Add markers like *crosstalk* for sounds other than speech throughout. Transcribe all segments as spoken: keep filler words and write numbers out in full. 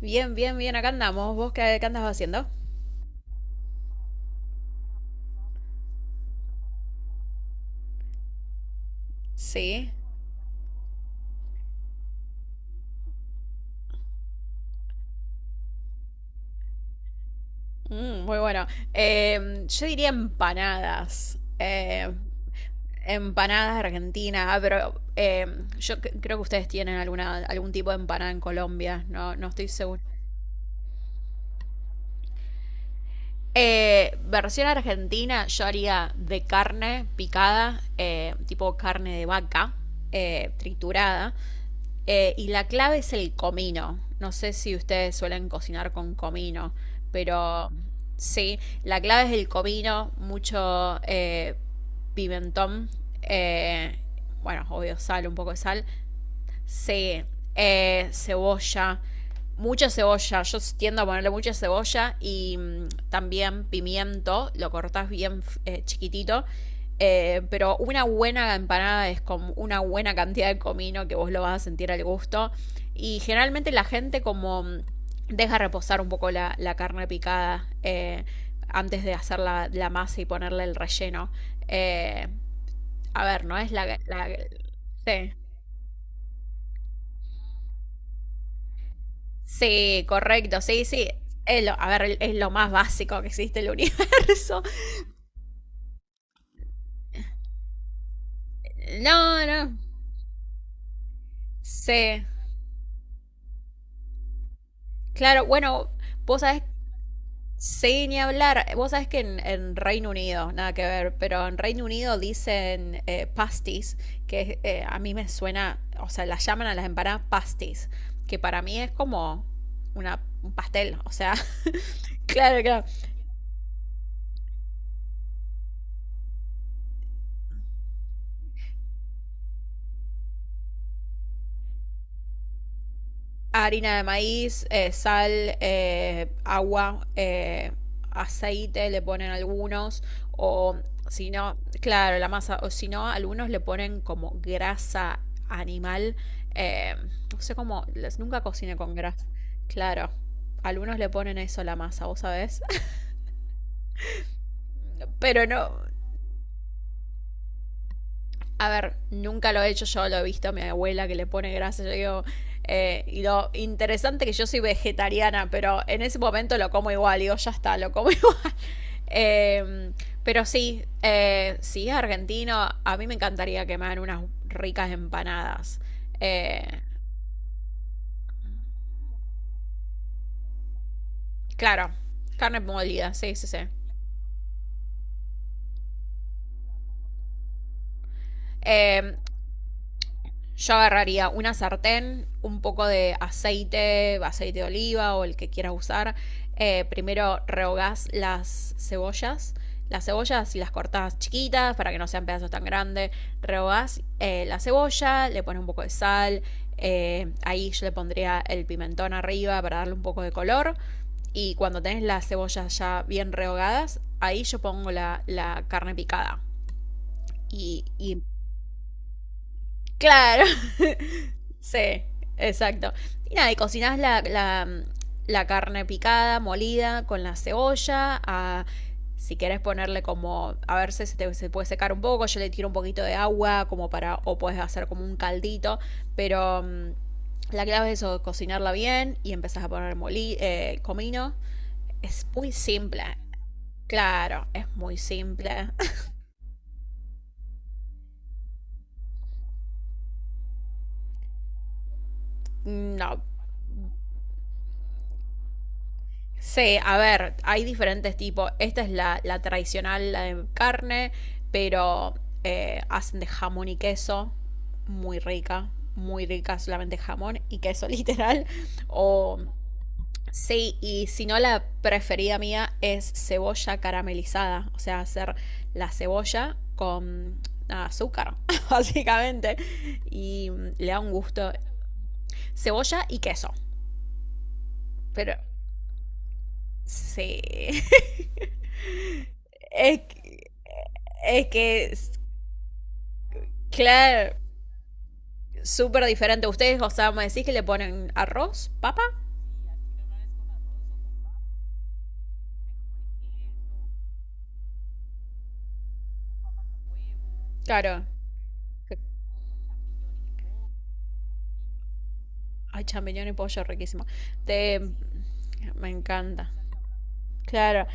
Bien, bien, bien, acá andamos. ¿Vos qué, qué andas haciendo? Sí. Mm, muy bueno. Eh, yo diría empanadas. Eh, empanadas argentinas, ah, pero eh, yo c- creo que ustedes tienen alguna, algún tipo de empanada en Colombia, no, no estoy seguro. Eh, versión argentina, yo haría de carne picada, eh, tipo carne de vaca, eh, triturada. Eh, y la clave es el comino. No sé si ustedes suelen cocinar con comino, pero sí, la clave es el comino, mucho eh, pimentón, eh, bueno, obvio sal, un poco de sal. Sí, eh, cebolla, mucha cebolla. Yo tiendo a ponerle mucha cebolla y mm, también pimiento. Lo cortás bien eh, chiquitito. Eh, pero una buena empanada es con una buena cantidad de comino que vos lo vas a sentir al gusto. Y generalmente la gente como mm, deja reposar un poco la, la carne picada eh, antes de hacer la, la masa y ponerle el relleno. Eh, a ver, no es la... la sí. Sí, correcto, sí, sí. Es lo, a ver, es lo más básico que existe en el universo. *laughs* No, no. Sí. Claro, bueno, vos sabés, sí, ni hablar. Vos sabés que en, en Reino Unido, nada que ver, pero en Reino Unido dicen eh, pasties, que eh, a mí me suena, o sea, las llaman a las empanadas pasties, que para mí es como una, un pastel, o sea, *laughs* claro, claro. Harina de maíz, eh, sal, eh, agua, eh, aceite, le ponen algunos, o si no, claro, la masa, o si no, algunos le ponen como grasa animal. eh, no sé cómo, les- nunca cociné con grasa, claro, algunos le ponen eso a la masa, vos sabés. *laughs* Pero no, a ver, nunca lo he hecho yo, lo he visto a mi abuela que le pone grasa. Yo digo, eh, y lo interesante que yo soy vegetariana, pero en ese momento lo como igual. Digo, ya está, lo como igual. *laughs* Eh, pero sí, eh, sí, argentino, a mí me encantaría que me hagan unas ricas empanadas. Eh, claro, carne molida, sí, sí, sí. Eh, yo agarraría una sartén, un poco de aceite, aceite de oliva o el que quieras usar. Eh, primero rehogás las cebollas. Las cebollas y las cortás chiquitas para que no sean pedazos tan grandes. Rehogás eh, la cebolla, le pones un poco de sal. eh, ahí yo le pondría el pimentón arriba para darle un poco de color. Y cuando tenés las cebollas ya bien rehogadas, ahí yo pongo la, la carne picada. Y, y claro. Sí, exacto. Y nada, y cocinás la, la, la carne picada, molida, con la cebolla. A- si querés ponerle como, a ver si se, te- se puede secar un poco, yo le tiro un poquito de agua como para, o puedes hacer como un caldito, pero mm, la clave es eso, cocinarla bien y empezás a poner moli, eh, comino. Es muy simple, claro, es muy simple. *laughs* No, sí, a ver, hay diferentes tipos. Esta es la, la tradicional, la de carne, pero eh, hacen de jamón y queso, muy rica, muy rica, solamente jamón y queso *laughs* literal. O sí, y si no, la preferida mía es cebolla caramelizada, o sea, hacer la cebolla con nada, azúcar, *laughs* básicamente, y le da un gusto. Cebolla y queso, pero sí. *laughs* Es, que- es que, es- claro, súper diferente. Ustedes, o sea, me decís que le ponen arroz, papa. Claro. Ay, champiñón y pollo, riquísimo. Te... Me encanta. Claro.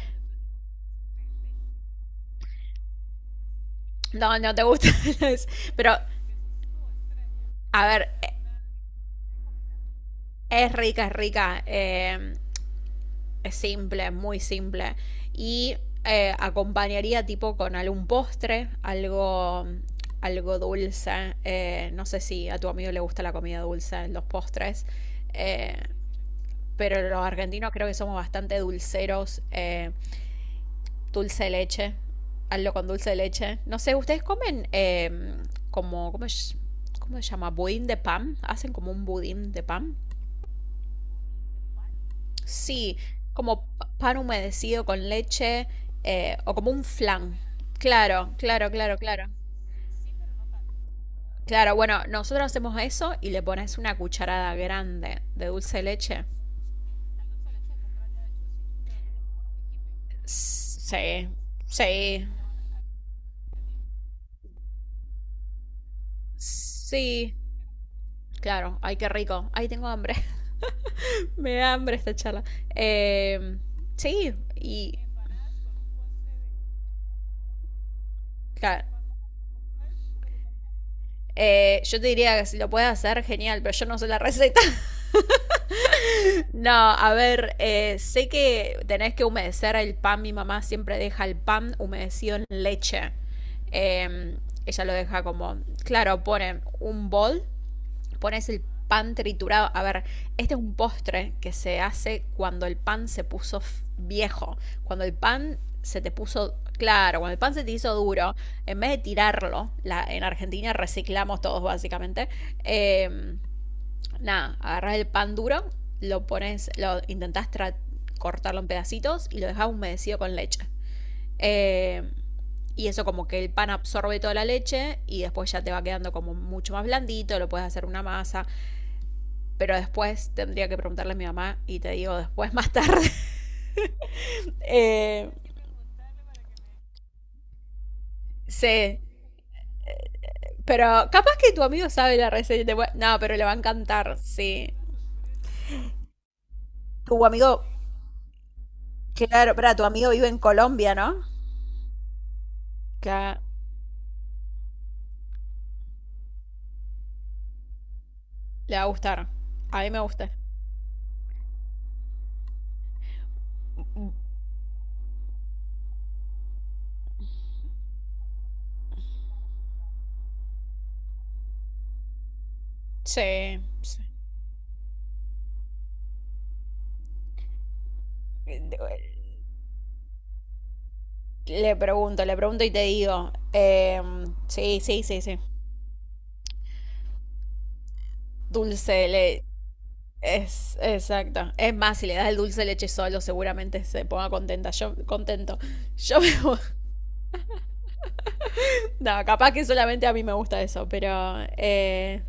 No, no te gusta. *laughs* Pero, a ver, e, es rica, es rica. Eh, Es simple, muy simple. Y eh, acompañaría tipo con algún postre, algo, algo dulce. Eh, no sé si a tu amigo le gusta la comida dulce, los postres. eh, pero los argentinos creo que somos bastante dulceros. eh, dulce de leche. Hazlo con dulce de leche. No sé, ¿ustedes comen eh, como, ¿cómo, es- cómo se llama? Budín de pan. ¿Hacen como un budín de pan? Sí, como pa- pan humedecido con leche eh, o como un flan. Claro, claro, claro, claro. Claro, bueno, nosotros hacemos eso y le pones una cucharada grande de dulce de leche. Sí, sí, sí. Claro, ay, qué rico. Ay, tengo hambre. *laughs* Me da hambre esta charla. Eh, sí, y claro. Eh, yo te diría que si lo puedes hacer, genial, pero yo no sé la receta. *laughs* No, a ver, eh, sé que tenés que humedecer el pan. Mi mamá siempre deja el pan humedecido en leche. Eh, ella lo deja como, claro, ponen un bol, pones el pan triturado. A ver, este es un postre que se hace cuando el pan se puso f- viejo, cuando el pan se te puso, claro, cuando el pan se te hizo duro, en vez de tirarlo, la, en Argentina reciclamos todos básicamente. eh, nada, agarras el pan duro, lo pones, lo intentás tra- cortarlo en pedacitos y lo dejas humedecido con leche. Eh, y eso como que el pan absorbe toda la leche y después ya te va quedando como mucho más blandito, lo puedes hacer una masa, pero después tendría que preguntarle a mi mamá y te digo después más tarde. *laughs* Eh, sí, pero capaz que tu amigo sabe la receta. Y te puede- no, pero le va a encantar, sí. Tu amigo, claro, para tu amigo vive en Colombia, ¿no? Ca- Le va a gustar. A mí me gusta. Sí. Sí. Le pregunto, le pregunto y te digo. Eh, sí, sí, sí, sí. Dulce le... Es exacto. Es más, si le das el dulce de leche solo, seguramente se ponga contenta. Yo contento. Yo me voy. *laughs* No, capaz que solamente a mí me gusta eso, pero eh,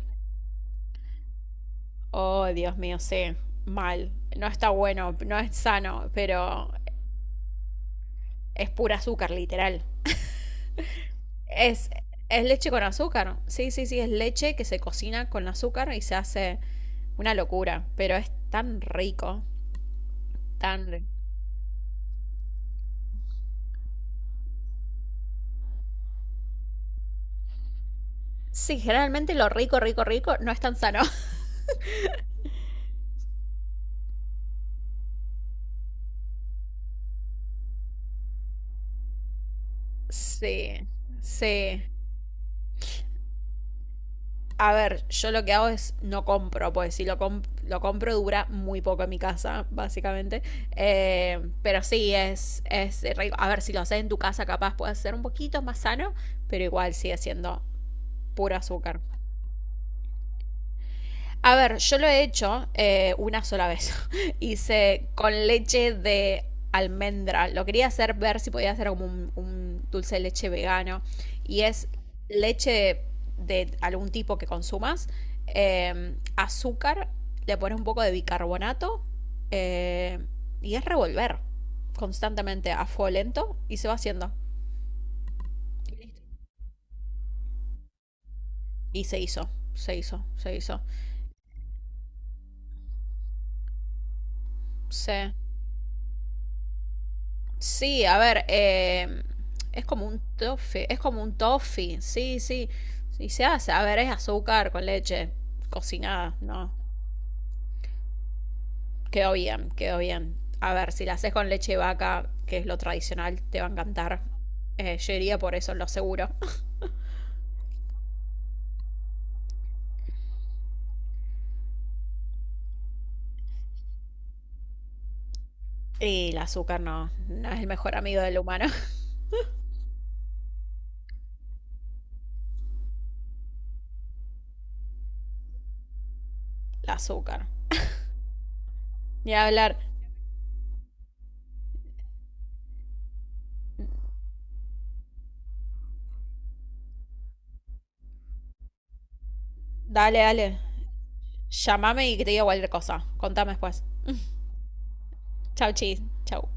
oh, Dios mío, sí, mal. No está bueno, no es sano, pero es pura azúcar, literal. Es, es leche con azúcar. Sí, sí, sí, es leche que se cocina con azúcar y se hace una locura, pero es tan rico, tan rico. Sí, generalmente lo rico, rico, rico no es tan sano. *laughs* Sí, sí. A ver, yo lo que hago es no compro, pues si lo, comp- lo compro dura muy poco en mi casa, básicamente. Eh, pero sí, es, es rico. A ver, si lo haces en tu casa, capaz puede ser un poquito más sano, pero igual sigue siendo puro azúcar. A ver, yo lo he hecho eh, una sola vez. *laughs* Hice con leche de almendra. Lo quería hacer ver si podía hacer como un, un dulce de leche vegano. Y es leche de, de algún tipo que consumas, eh, azúcar, le pones un poco de bicarbonato eh, y es revolver constantemente a fuego lento y se va haciendo. Y se hizo, se hizo, se hizo. Sí. Sí, a ver, eh, es como un toffee, es como un toffee, sí, sí, sí se hace, a ver, es azúcar con leche cocinada, ¿no? Quedó bien, quedó bien. A ver, si la haces con leche de vaca, que es lo tradicional, te va a encantar. Eh, yo iría por eso, lo seguro. *laughs* Y el azúcar no, no es el mejor amigo del humano. *laughs* El azúcar. Ni hablar. Dale, dale. Llámame y que te diga cualquier cosa. Contame después. Chau, chis. Chau.